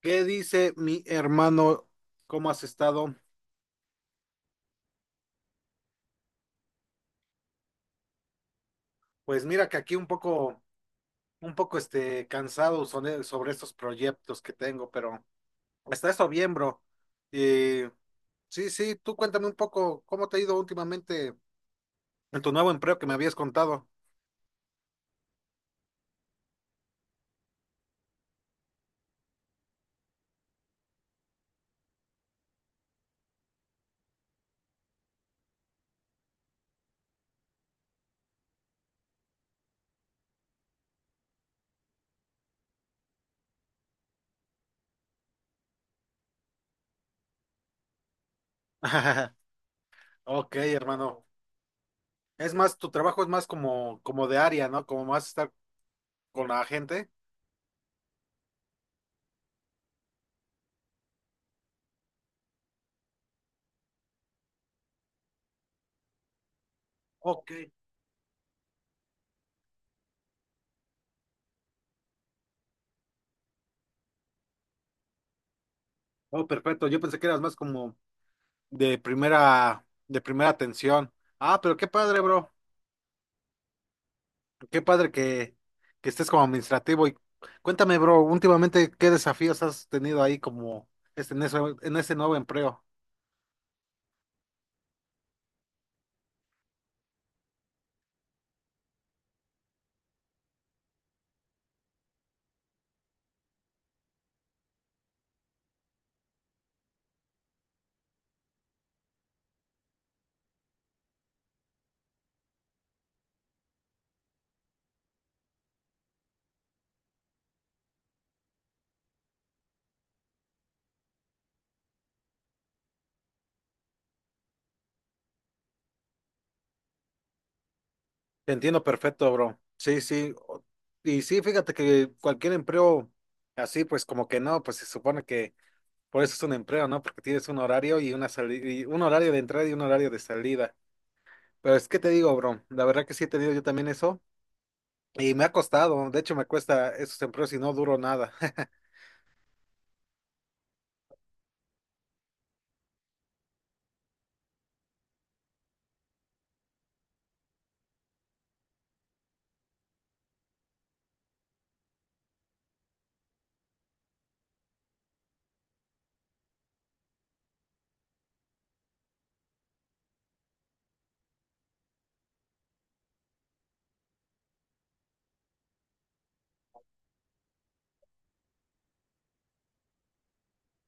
¿Qué dice mi hermano? ¿Cómo has estado? Pues mira que aquí un poco, cansado sobre estos proyectos que tengo, pero está eso bien, bro. Y sí, sí, tú cuéntame un poco cómo te ha ido últimamente en tu nuevo empleo que me habías contado. Ok, hermano. Es más, tu trabajo es más como de área, ¿no? Como más estar con la gente. Ok. Oh, perfecto. Yo pensé que eras más como de primera atención. Ah, pero qué padre, bro. Qué padre que estés como administrativo. Y cuéntame, bro, últimamente qué desafíos has tenido ahí como este, en ese nuevo empleo. Te entiendo perfecto, bro. Sí, sí. Y sí, fíjate que cualquier empleo así, pues como que no, pues se supone que por eso es un empleo, ¿no? Porque tienes un horario y una salida, y un horario de entrada y un horario de salida. Pero es que te digo, bro, la verdad que sí he tenido yo también eso y me ha costado, de hecho me cuesta esos empleos y no duro nada.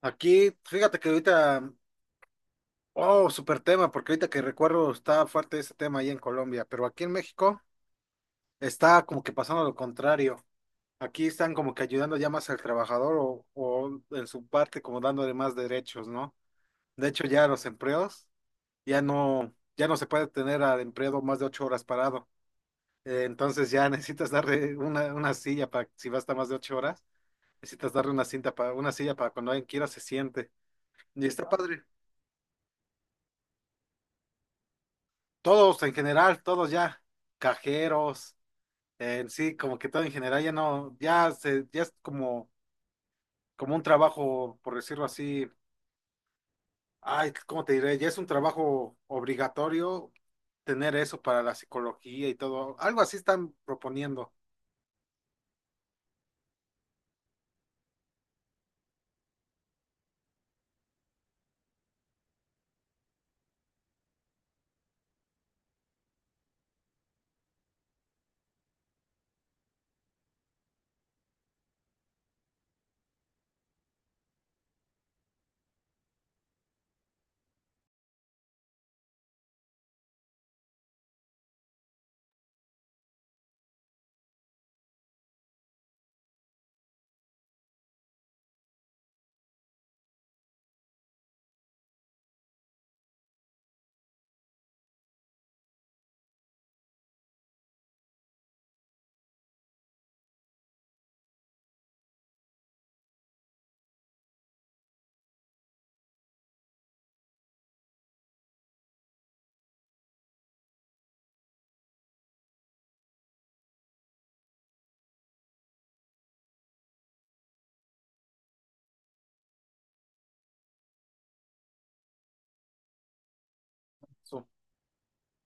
Aquí, fíjate que ahorita. Oh, súper tema, porque ahorita que recuerdo está fuerte ese tema ahí en Colombia, pero aquí en México está como que pasando lo contrario. Aquí están como que ayudando ya más al trabajador o en su parte como dándole más derechos, ¿no? De hecho, ya los empleos ya no, ya no se puede tener al empleado más de 8 horas parado. Entonces ya necesitas darle una silla para si va a estar más de 8 horas, necesitas darle una silla para cuando alguien quiera se siente. Y está padre. Todos en general, todos ya, cajeros. En sí, como que todo en general ya no, ya se, ya es como un trabajo, por decirlo así, ay, ¿cómo te diré? Ya es un trabajo obligatorio tener eso para la psicología y todo. Algo así están proponiendo. So,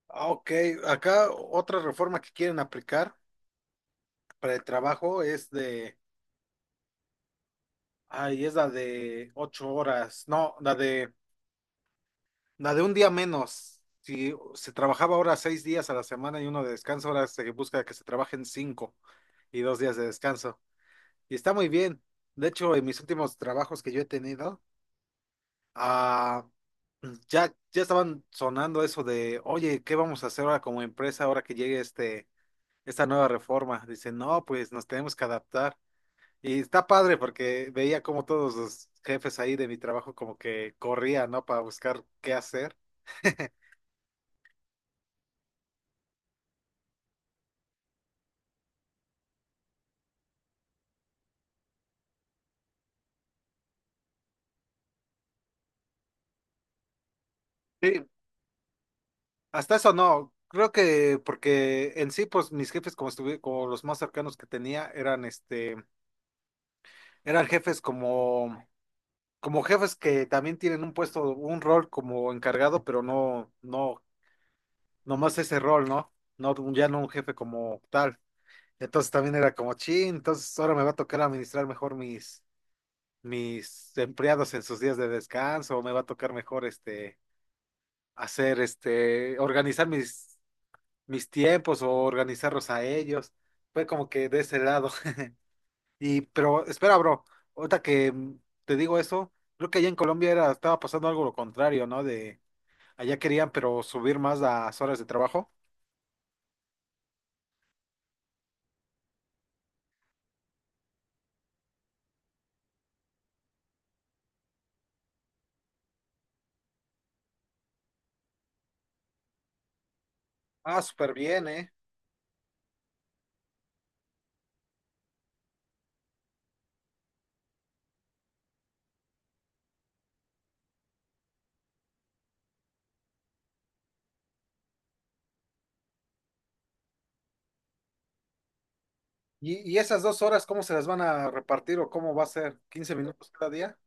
ah, ok, acá otra reforma que quieren aplicar para el trabajo es de, ay, es la de 8 horas, no, la de un día menos. Si se trabajaba ahora 6 días a la semana y uno de descanso, ahora se busca que se trabajen cinco, y 2 días de descanso. Y está muy bien. De hecho, en mis últimos trabajos que yo he tenido, ah, ya, ya estaban sonando eso de, oye, ¿qué vamos a hacer ahora como empresa ahora que llegue esta nueva reforma? Dicen, no, pues nos tenemos que adaptar. Y está padre porque veía como todos los jefes ahí de mi trabajo como que corrían, ¿no? Para buscar qué hacer. Sí, hasta eso no. Creo que porque en sí, pues mis jefes como estuve, como los más cercanos que tenía eran este. Eran jefes como, como jefes que también tienen un puesto, un rol como encargado, pero no, no, nomás ese rol, ¿no? No, ya no un jefe como tal. Entonces también era como, chin, entonces ahora me va a tocar administrar mejor mis empleados en sus días de descanso, o me va a tocar mejor este, hacer este, organizar mis tiempos o organizarlos a ellos. Fue como que de ese lado. Y, pero espera, bro, ahorita que te digo eso, creo que allá en Colombia era, estaba pasando algo lo contrario, ¿no? De allá querían, pero subir más las horas de trabajo. Ah, súper bien, ¿eh? Y esas 2 horas, cómo se las van a repartir o cómo va a ser? ¿15 minutos cada día?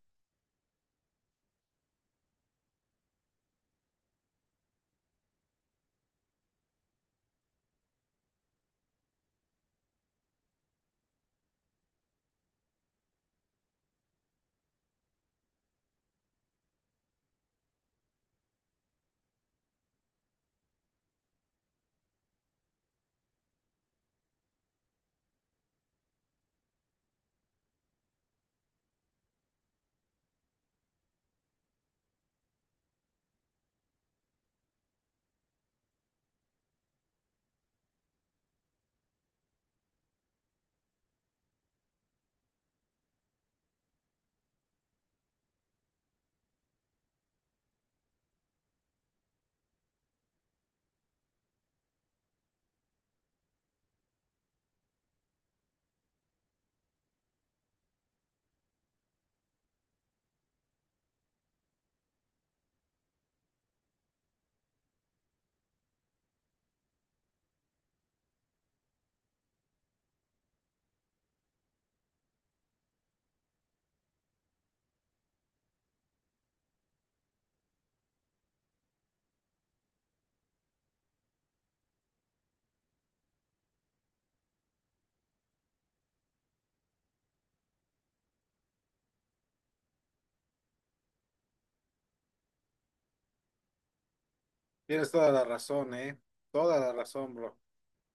Tienes toda la razón, ¿eh? Toda la razón, bro.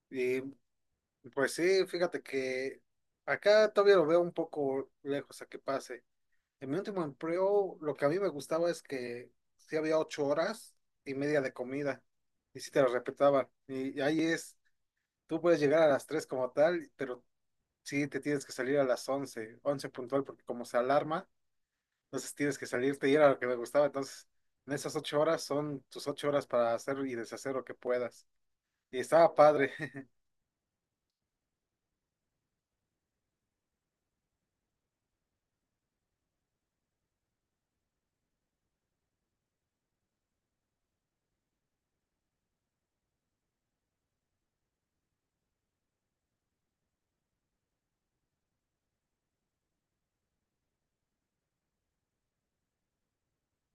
Y pues sí, fíjate que acá todavía lo veo un poco lejos a que pase. En mi último empleo, lo que a mí me gustaba es que sí había 8 horas y media de comida, y sí te lo respetaban. Y ahí es, tú puedes llegar a las tres como tal, pero sí te tienes que salir a las once, once puntual, porque como se alarma, entonces tienes que salirte, y era lo que me gustaba. Entonces, en esas 8 horas son tus 8 horas para hacer y deshacer lo que puedas. Y estaba padre.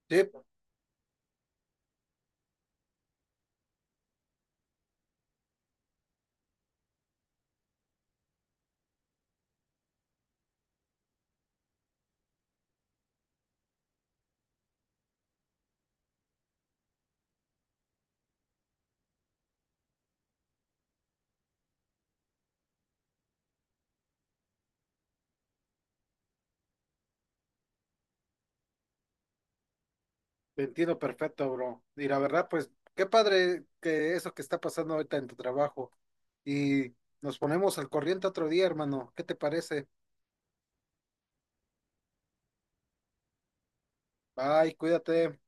Sí, te entiendo perfecto, bro. Y la verdad, pues, qué padre que eso que está pasando ahorita en tu trabajo. Y nos ponemos al corriente otro día, hermano. ¿Qué te parece? Bye, cuídate.